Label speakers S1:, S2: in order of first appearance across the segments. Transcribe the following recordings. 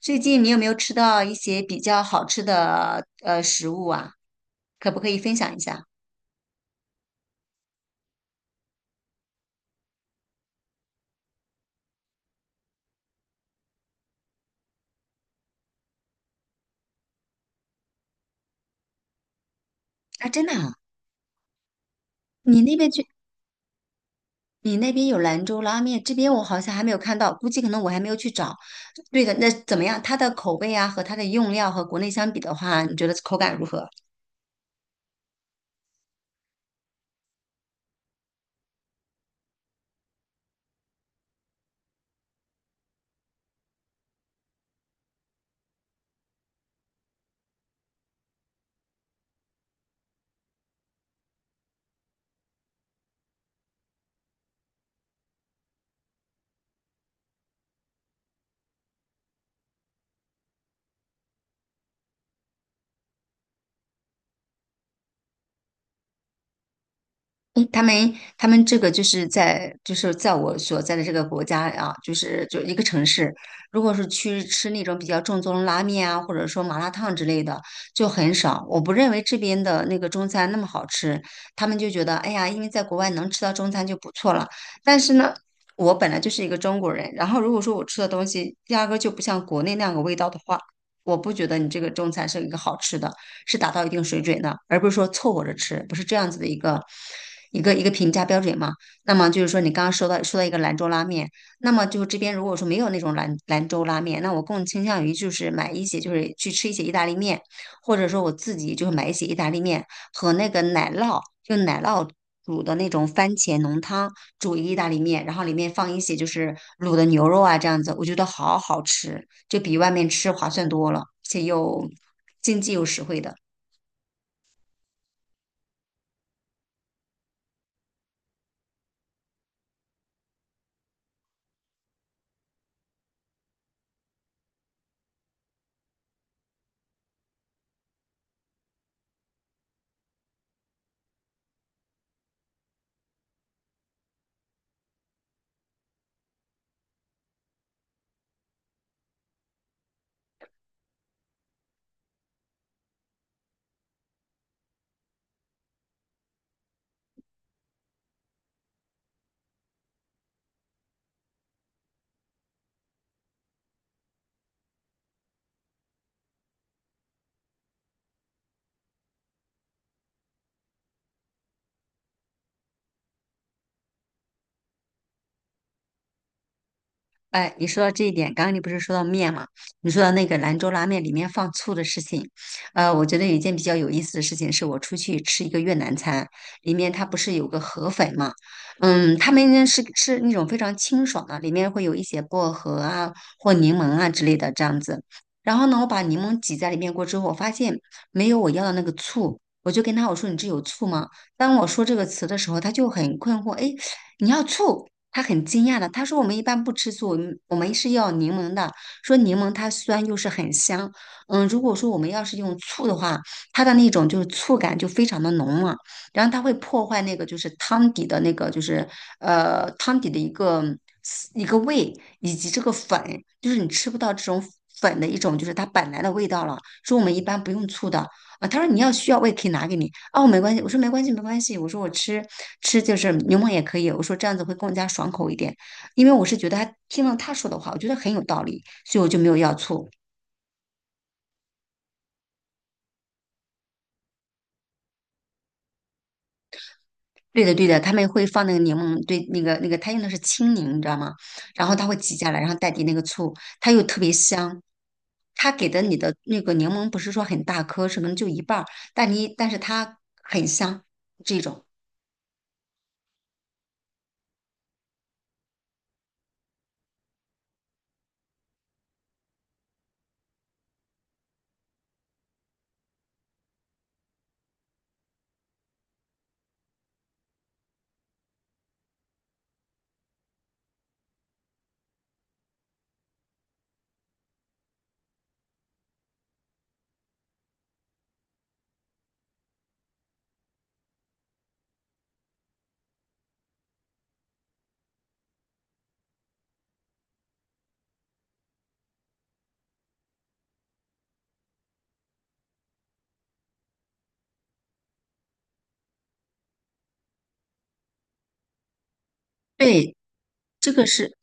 S1: 最近你有没有吃到一些比较好吃的食物啊？可不可以分享一下？啊，真的啊，你那边去，你那边有兰州拉面，这边我好像还没有看到，估计可能我还没有去找。对的，那怎么样？它的口味啊和它的用料和国内相比的话，你觉得口感如何？嗯，他们这个就是在我所在的这个国家啊，就是就一个城市，如果是去吃那种比较正宗的拉面啊，或者说麻辣烫之类的，就很少。我不认为这边的那个中餐那么好吃，他们就觉得哎呀，因为在国外能吃到中餐就不错了。但是呢，我本来就是一个中国人，然后如果说我吃的东西压根儿就不像国内那样个味道的话，我不觉得你这个中餐是一个好吃的。是达到一定水准的，而不是说凑合着吃，不是这样子的一个一个评价标准嘛？那么就是说，你刚刚说到一个兰州拉面，那么就这边如果说没有那种兰州拉面，那我更倾向于就是买一些就是去吃一些意大利面，或者说我自己就是买一些意大利面和那个奶酪，就奶酪。煮的那种番茄浓汤，煮一个意大利面，然后里面放一些就是卤的牛肉啊，这样子，我觉得好好吃，就比外面吃划算多了，而且又经济又实惠的。哎，你说到这一点，刚刚你不是说到面嘛？你说到那个兰州拉面里面放醋的事情，我觉得有一件比较有意思的事情，是我出去吃一个越南餐，里面它不是有个河粉嘛？嗯，他们是那种非常清爽的，里面会有一些薄荷啊或柠檬啊之类的这样子。然后呢，我把柠檬挤在里面过之后，我发现没有我要的那个醋，我就跟他我说你这有醋吗？当我说这个词的时候，他就很困惑，哎，你要醋？他很惊讶的，他说我们一般不吃醋，我们是要柠檬的。说柠檬它酸又是很香，嗯，如果说我们要是用醋的话，它的那种就是醋感就非常的浓嘛，然后它会破坏那个就是汤底的那个就是汤底的一个味，以及这个粉，就是你吃不到这种粉的一种就是它本来的味道了。说我们一般不用醋的，啊，他说你要需要我也可以拿给你。哦，没关系，我说没关系，我说我吃就是柠檬也可以，我说这样子会更加爽口一点，因为我是觉得他听了他说的话，我觉得很有道理，所以我就没有要醋。对的对的，他们会放那个柠檬，对那个他用的是青柠，你知道吗？然后他会挤下来，然后代替那个醋，它又特别香。他给的你的那个柠檬不是说很大颗，什么就一半儿，但但是它很香这种。对，这个是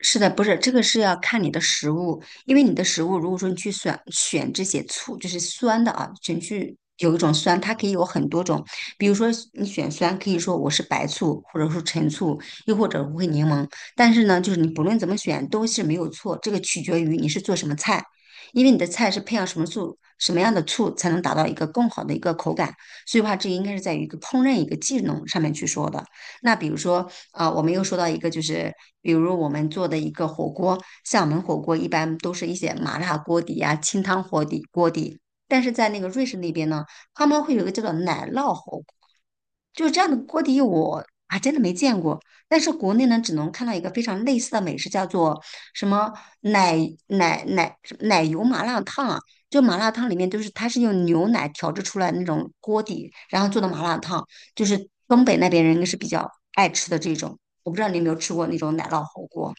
S1: 是的，不是这个是要看你的食物，因为你的食物如果说你去选这些醋，就是酸的啊，选去有一种酸，它可以有很多种，比如说你选酸，可以说我是白醋，或者说陈醋，又或者无味柠檬，但是呢，就是你不论怎么选都是没有错，这个取决于你是做什么菜，因为你的菜是配上什么醋，什么样的醋才能达到一个更好的一个口感，所以话这应该是在于一个烹饪一个技能上面去说的。那比如说，啊，我们又说到一个，就是比如我们做的一个火锅，像我们火锅一般都是一些麻辣锅底呀、清汤火底锅底，但是在那个瑞士那边呢，他们会有一个叫做奶酪火锅，就是这样的锅底我还真的没见过。但是国内呢，只能看到一个非常类似的美食，叫做什么奶奶油麻辣烫啊，就麻辣烫里面就是它是用牛奶调制出来的那种锅底，然后做的麻辣烫，就是东北那边人应该是比较爱吃的这种。我不知道你有没有吃过那种奶酪火锅。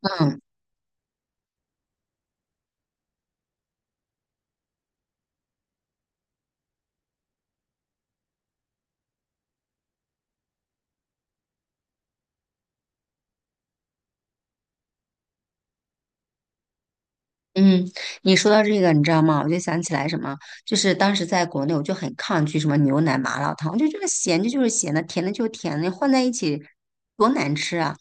S1: 嗯嗯，你说到这个，你知道吗？我就想起来什么，就是当时在国内，我就很抗拒什么牛奶麻辣烫，我就觉得咸的就是咸的，甜的就是甜的，混在一起多难吃啊！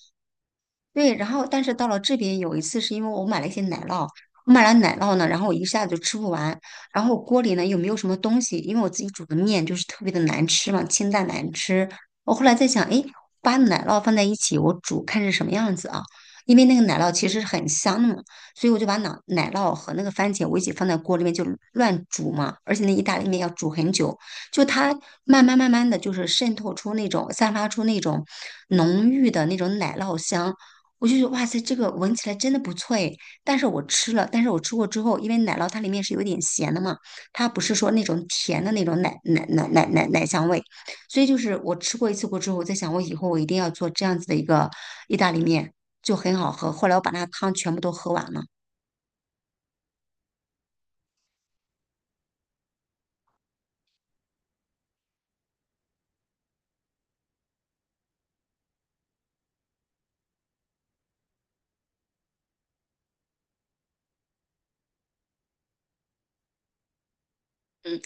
S1: 对，然后但是到了这边有一次是因为我买了一些奶酪，我买了奶酪呢，然后我一下子就吃不完，然后锅里呢又没有什么东西，因为我自己煮的面就是特别的难吃嘛，清淡难吃。我后来在想，诶，把奶酪放在一起，我煮看是什么样子啊？因为那个奶酪其实是很香的嘛，所以我就把奶酪和那个番茄我一起放在锅里面就乱煮嘛，而且那意大利面要煮很久，就它慢慢的就是渗透出那种散发出那种浓郁的那种奶酪香。我就觉得哇塞，这个闻起来真的不错诶。但是我吃了，但是我吃过之后，因为奶酪它里面是有点咸的嘛，它不是说那种甜的那种奶香味，所以就是我吃过一次过之后，我在想我以后我一定要做这样子的一个意大利面，就很好喝。后来我把那个汤全部都喝完了。嗯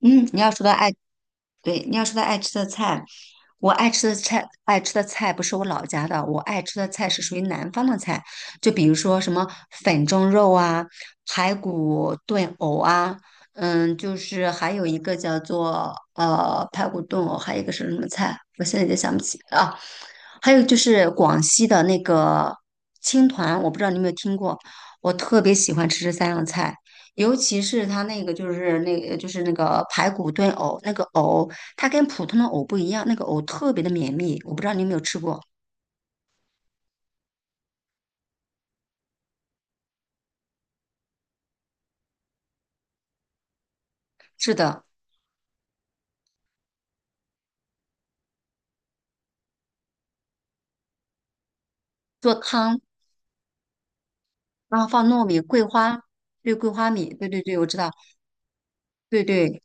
S1: 嗯，你要说到爱。对，你要说他爱吃的菜，我爱吃的菜，爱吃的菜不是我老家的，我爱吃的菜是属于南方的菜，就比如说什么粉蒸肉啊、排骨炖藕啊，嗯，就是还有一个叫做排骨炖藕，还有一个是什么菜，我现在也想不起啊，还有就是广西的那个青团，我不知道你有没有听过，我特别喜欢吃这三样菜，尤其是它那个就是那个排骨炖藕，那个藕它跟普通的藕不一样，那个藕特别的绵密，我不知道你有没有吃过。是的，做汤，然后放糯米、桂花，对，桂花米，对对对，我知道，对对，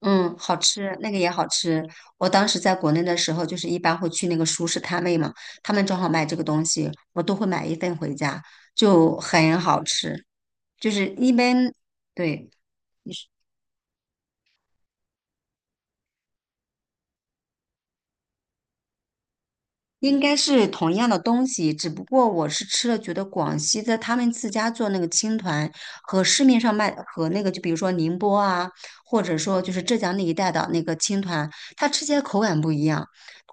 S1: 嗯，好吃，那个也好吃。我当时在国内的时候，就是一般会去那个熟食摊位嘛，他们正好卖这个东西，我都会买一份回家，就很好吃。就是一般，对，应该是同样的东西，只不过我是吃了，觉得广西的他们自家做那个青团和市面上卖和那个，就比如说宁波啊，或者说就是浙江那一带的那个青团，它吃起来口感不一样。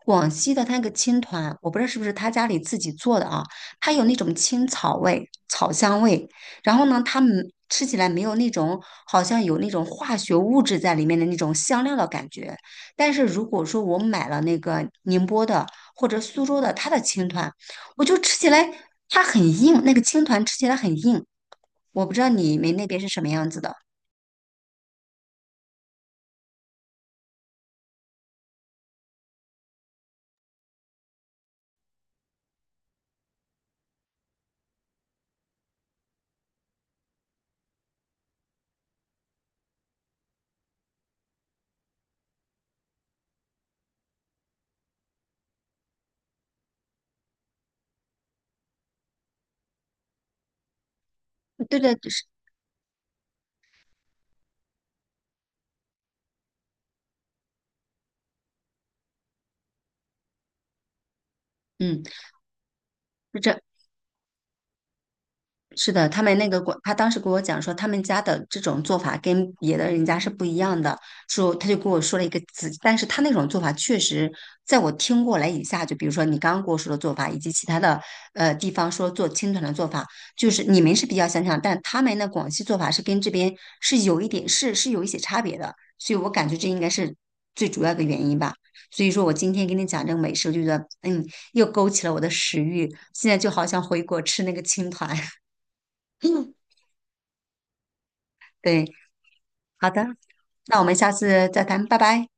S1: 广西的它那个青团，我不知道是不是他家里自己做的啊，它有那种青草味、草香味，然后呢，它们吃起来没有那种好像有那种化学物质在里面的那种香料的感觉。但是如果说我买了那个宁波的，或者苏州的它的青团，我就吃起来它很硬，那个青团吃起来很硬。我不知道你们那边是什么样子的。对的，就是嗯，就这是的，他们那个广，他当时跟我讲说，他们家的这种做法跟别的人家是不一样的。说他就跟我说了一个词，但是他那种做法确实，在我听过来以下，就比如说你刚刚跟我说的做法，以及其他的地方说做青团的做法，就是你们是比较相像，但他们的广西做法是跟这边是有一点有一些差别的，所以我感觉这应该是最主要的原因吧。所以说我今天跟你讲这个美食，我就觉得嗯，又勾起了我的食欲，现在就好像回国吃那个青团。对，好的，那我们下次再谈，拜拜。